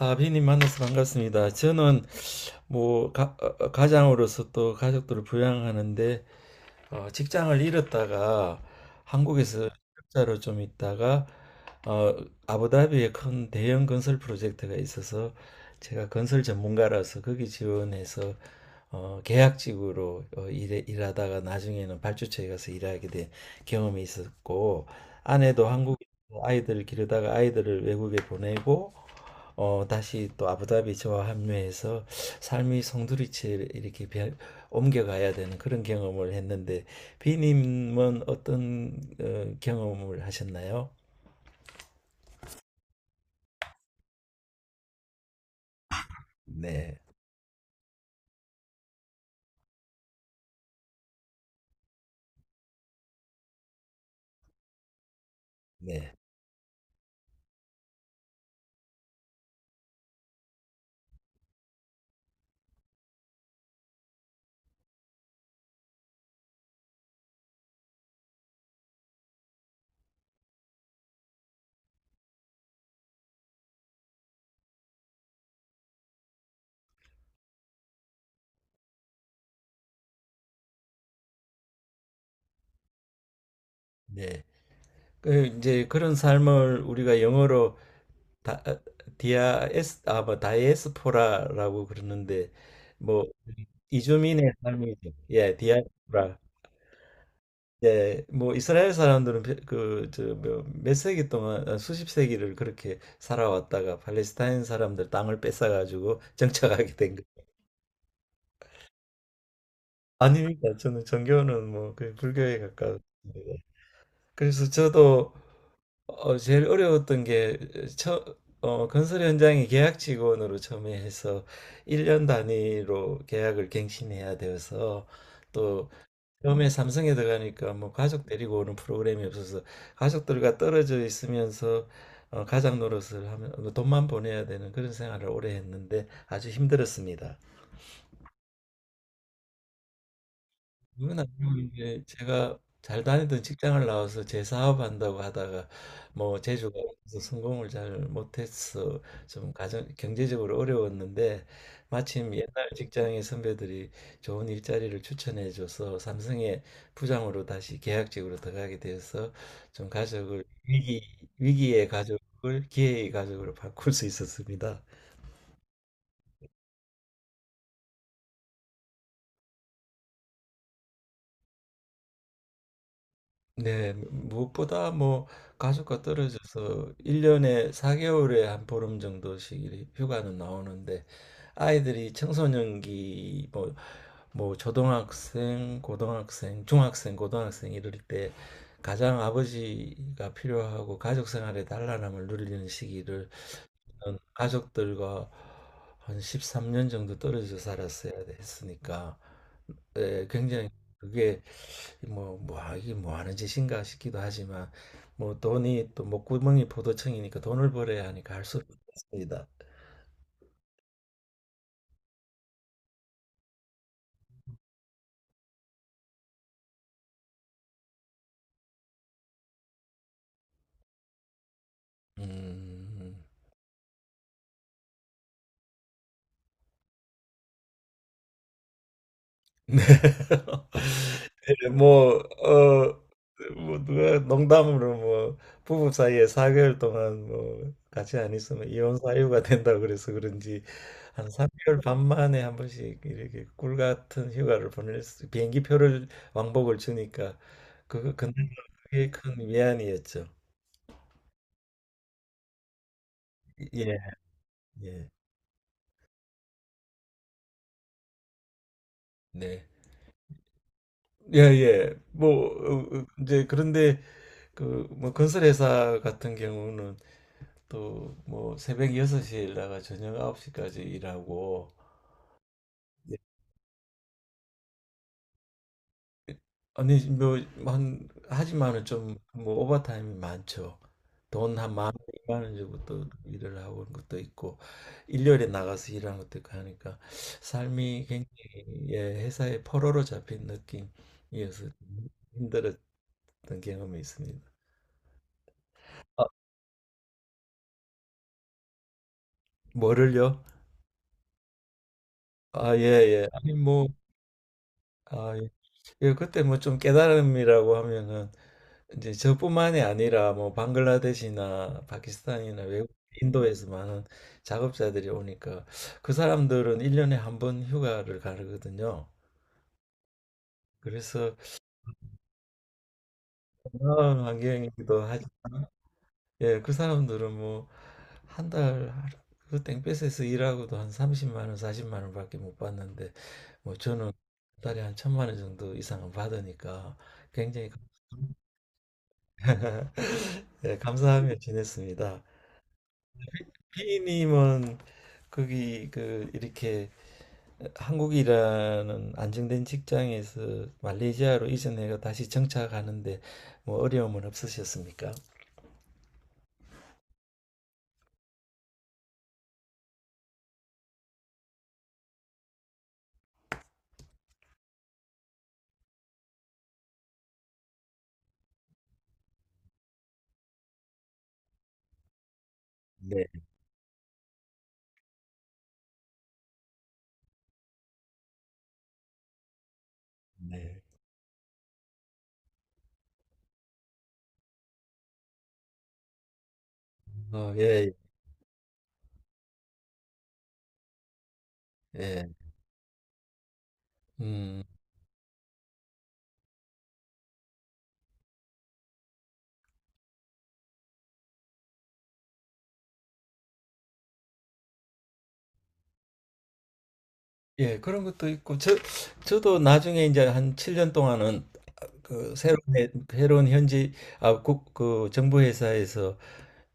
아, 비님 만나서 반갑습니다. 저는 뭐 장으로서또 가족들을 부양하는데 직장을 잃었다가 한국에서 자로 좀 있다가 어, 아부다비에 큰 대형 건설 프로젝트가 있어서 제가 건설 전문가라서 거기 지원해서 계약직으로 일하다가 나중에는 발주처에 가서 일하게 된 경험이 있었고 아내도 한국에 아이들을 기르다가 아이들을 외국에 보내고 다시 또 아부다비 저와 합류해서 삶이 송두리째 이렇게 옮겨가야 되는 그런 경험을 했는데 비님은 어떤 경험을 하셨나요? 네, 네, 네. 그 이제 그런 삶을 우리가 영어로 다, 어, 디아에스 아뭐 다이에스포라라고 그러는데 뭐 이주민의 삶이죠. 예, 디아스포라. 예, 뭐 이스라엘 사람들은 그저몇 세기 동안 수십 세기를 그렇게 살아왔다가 팔레스타인 사람들 땅을 뺏어가지고 정착하게 된 거. 아닙니다. 저는 전교는 뭐 그 불교에 가깝습니다. 그래서 저도 제일 어려웠던 게 처, 건설 현장에 계약 직원으로 처음에 해서 1년 단위로 계약을 갱신해야 되어서 또 처음에 삼성에 들어가니까 뭐 가족 데리고 오는 프로그램이 없어서 가족들과 떨어져 있으면서 가장 노릇을 하면 뭐 돈만 보내야 되는 그런 생활을 오래 했는데 아주 힘들었습니다. 그건 아니고 이제 제가 잘 다니던 직장을 나와서 재사업한다고 하다가 뭐 재주가 없어서 성공을 잘 못해서 좀 가정 경제적으로 어려웠는데 마침 옛날 직장의 선배들이 좋은 일자리를 추천해줘서 삼성의 부장으로 다시 계약직으로 들어가게 돼서 좀 가족을 위기 위기의 가족을 기회의 가족으로 바꿀 수 있었습니다. 네, 무엇보다 뭐 가족과 떨어져서 1년에 4개월에 한 보름 정도씩 휴가는 나오는데 아이들이 청소년기 뭐 초등학생, 고등학생, 중학생, 고등학생 이럴 때 가장 아버지가 필요하고 가족 생활의 단란함을 누리는 시기를 저는 가족들과 한 13년 정도 떨어져 살았어야 했으니까 예, 굉장히 그게 뭐, 이게 뭐 하는 짓인가 싶기도 하지만 뭐 돈이 또 목구멍이 포도청이니까 돈을 벌어야 하니까 할 수 없습니다. 음, 네. 예 뭐 어 뭐 누가 농담으로 뭐 부부 사이에 4 개월 동안 뭐 같이 안 있으면 이혼 사유가 된다고 그래서 그런지 한 3 개월 반 만에 한 번씩 이렇게 꿀 같은 휴가를 보낼 수 비행기 표를 왕복을 주니까 그거 근데 그게 큰 위안이었죠. 예. 예. 네. 예예. 뭐 어어제 그런데 그 뭐 건설회사 같은 경우는 또 뭐 새벽 6시에 일어나가 저녁 9시까지 일하고 예. 아니 뭐 한 하지만은 좀 뭐 오버타임이 많죠. 돈 한 만, 원, 이만 원 주고 또 일을 하고 하는 것도 있고 일요일에 나가서 일하는 것도 있고 하니까 삶이 굉장히 예, 회사의 포로로 잡힌 느낌이어서 힘들었던 경험이 있습니다. 아, 뭐를요? 아, 예, 예. 아니, 뭐, 예. 예, 그때 뭐 좀 깨달음이라고 하면은 이제 저뿐만이 아니라 뭐 방글라데시나 파키스탄이나 외국 인도에서 많은 작업자들이 오니까 그 사람들은 1년에 한 번 휴가를 가르거든요. 그래서 건강한 환경이기도 하지만 예, 그 사람들은 뭐 한 달 그 땡볕에서 일하고도 한 30만 원, 40만 원밖에 못 받는데 뭐 저는 한 달에 한 1,000만 원 정도 이상은 받으니까 굉장히 네, 감사하며 지냈습니다. B님은 거기 그 이렇게 한국이라는 안정된 직장에서 말레이시아로 이전해서 다시 정착하는데 뭐 어려움은 없으셨습니까? 네, 네. 예, 예. 음, 예, 그런 것도 있고 저도 나중에 이제 한 7년 동안은 그 새로운 현지 그 정부 회사에서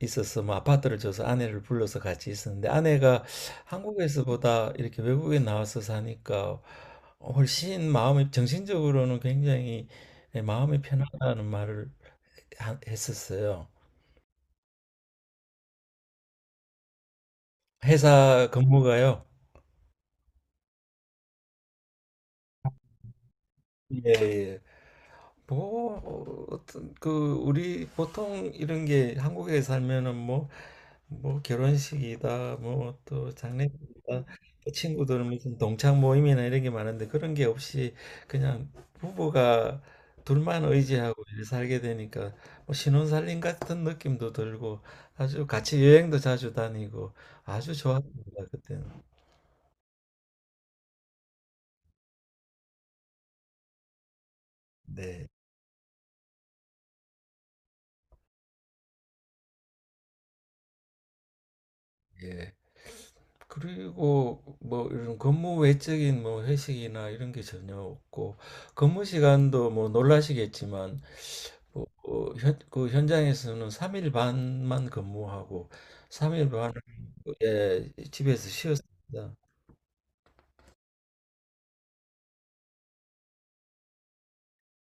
있어서 뭐 아파트를 줘서 아내를 불러서 같이 있었는데 아내가 한국에서보다 이렇게 외국에 나와서 사니까 훨씬 마음이 정신적으로는 굉장히 마음이 편하다는 말을 했었어요. 회사 근무가요. 예, 예. 뭐 떤 그 우리 보통 이런 게 한국에 살면은 뭐 뭐 결혼식이다 뭐 또 장례식이다 또 친구들은 무슨 동창 모임이나 이런 게 많은데 그런 게 없이 그냥 부부가 둘만 의지하고 이렇게 살게 되니까 뭐 신혼살림 같은 느낌도 들고 아주 같이 여행도 자주 다니고 아주 좋았습니다 그때는. 네 예. 그리고 뭐 이런 근무 외적인 뭐 회식이나 이런 게 전혀 없고 근무 시간도 뭐 놀라시겠지만 그 현장에서는 3일 반만 근무하고 3일 반을 예, 집에서 쉬었습니다.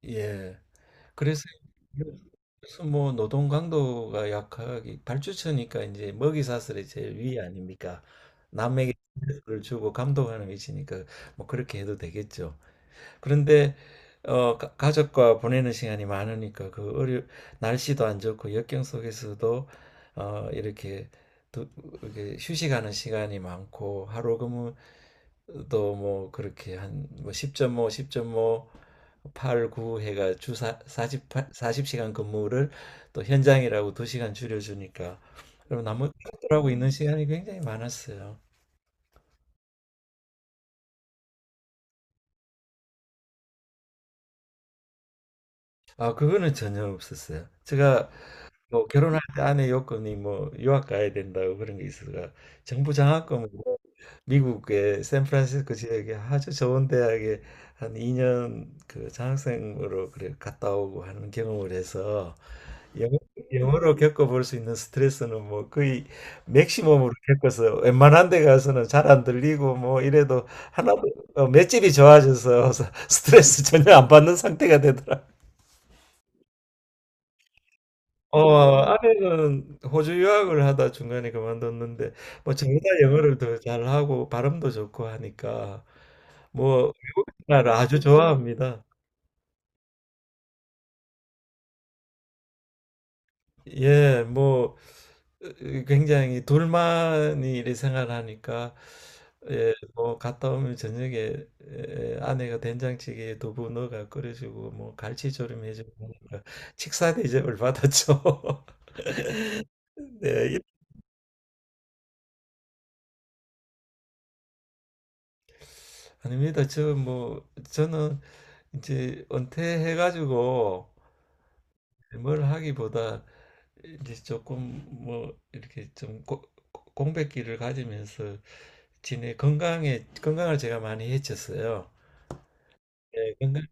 예. 그래서 그래서 뭐 노동 강도가 약하기 발주처니까 이제 먹이 사슬의 제일 위 아닙니까? 남에게 를 주고 감독하는 위치니까 뭐 그렇게 해도 되겠죠. 그런데 가족과 보내는 시간이 많으니까 그 어려 날씨도 안 좋고 역경 속에서도 이렇게 두, 이렇게 휴식하는 시간이 많고 하루 근무도 뭐 그렇게 한뭐 10.5, 10.5, 8, 9 해가 주 사, 40시간 근무를 또 현장이라고 2시간 줄여주니까 그럼 나머지 하고 있는 시간이 굉장히 많았어요. 아, 그거는 전혀 없었어요. 제가 뭐 결혼할 때 아내 요건이 뭐 유학 가야 된다고 그런 게 있어서 정부 장학금으로 미국의 샌프란시스코 지역에 아주 좋은 대학에 한 2년 그 장학생으로 그래 갔다 오고 하는 경험을 해서 영어, 영어로 겪어볼 수 있는 스트레스는 뭐 거의 맥시멈으로 겪어서 웬만한 데 가서는 잘 안 들리고 뭐 이래도 하나도 맷집이 좋아져서 스트레스 전혀 안 받는 상태가 되더라고요. 어, 아내는 호주 유학을 하다 중간에 그만뒀는데 뭐 저보다 영어를 더 잘하고 발음도 좋고 하니까 뭐 우리나라 아주 좋아합니다. 예, 뭐 굉장히 둘만이 이렇게 생활하니까 예, 뭐 갔다 오면 저녁에 예, 아내가 된장찌개에 두부 넣어가 끓여주고 뭐 갈치조림 해주고 하니까 식사 대접을 받았죠. 네, 아닙니다. 뭐 저는 이제 은퇴해가지고 뭘 하기보다 이제 조금 뭐 이렇게 좀 공백기를 가지면서 지내 건강에 건강을 제가 많이 해쳤어요. 예, 건강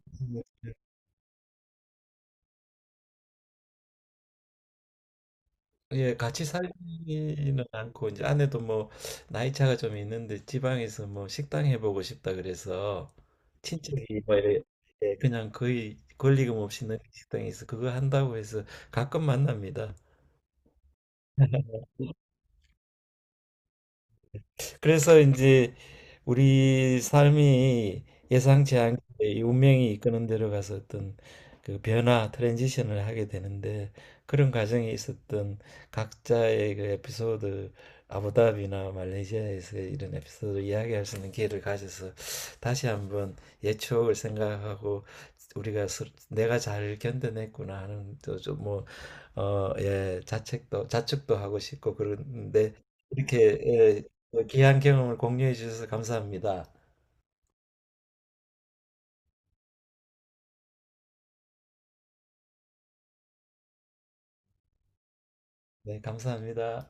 예, 같이 살지는 않고 이제 아내도 뭐 나이 차가 좀 있는데 지방에서 뭐 식당 해보고 싶다 그래서 친척이 뭐 예, 그냥 거의 권리금 없이 넣는 식당에서 그거 한다고 해서 가끔 만납니다. 그래서 이제 우리 삶이 예상치 않게 이 운명이 이끄는 대로 가서 어떤 그 변화, 트랜지션을 하게 되는데 그런 과정에 있었던 각자의 그 에피소드, 아부다비나 말레이시아에서 이런 에피소드를 이야기할 수 있는 기회를 가져서 다시 한번 옛 추억을 생각하고 우리가 내가 잘 견뎌냈구나 하는 또좀뭐 예, 자책도 하고 싶고 그런데 이렇게 예, 귀한 경험을 공유해 주셔서 감사합니다. 네, 감사합니다.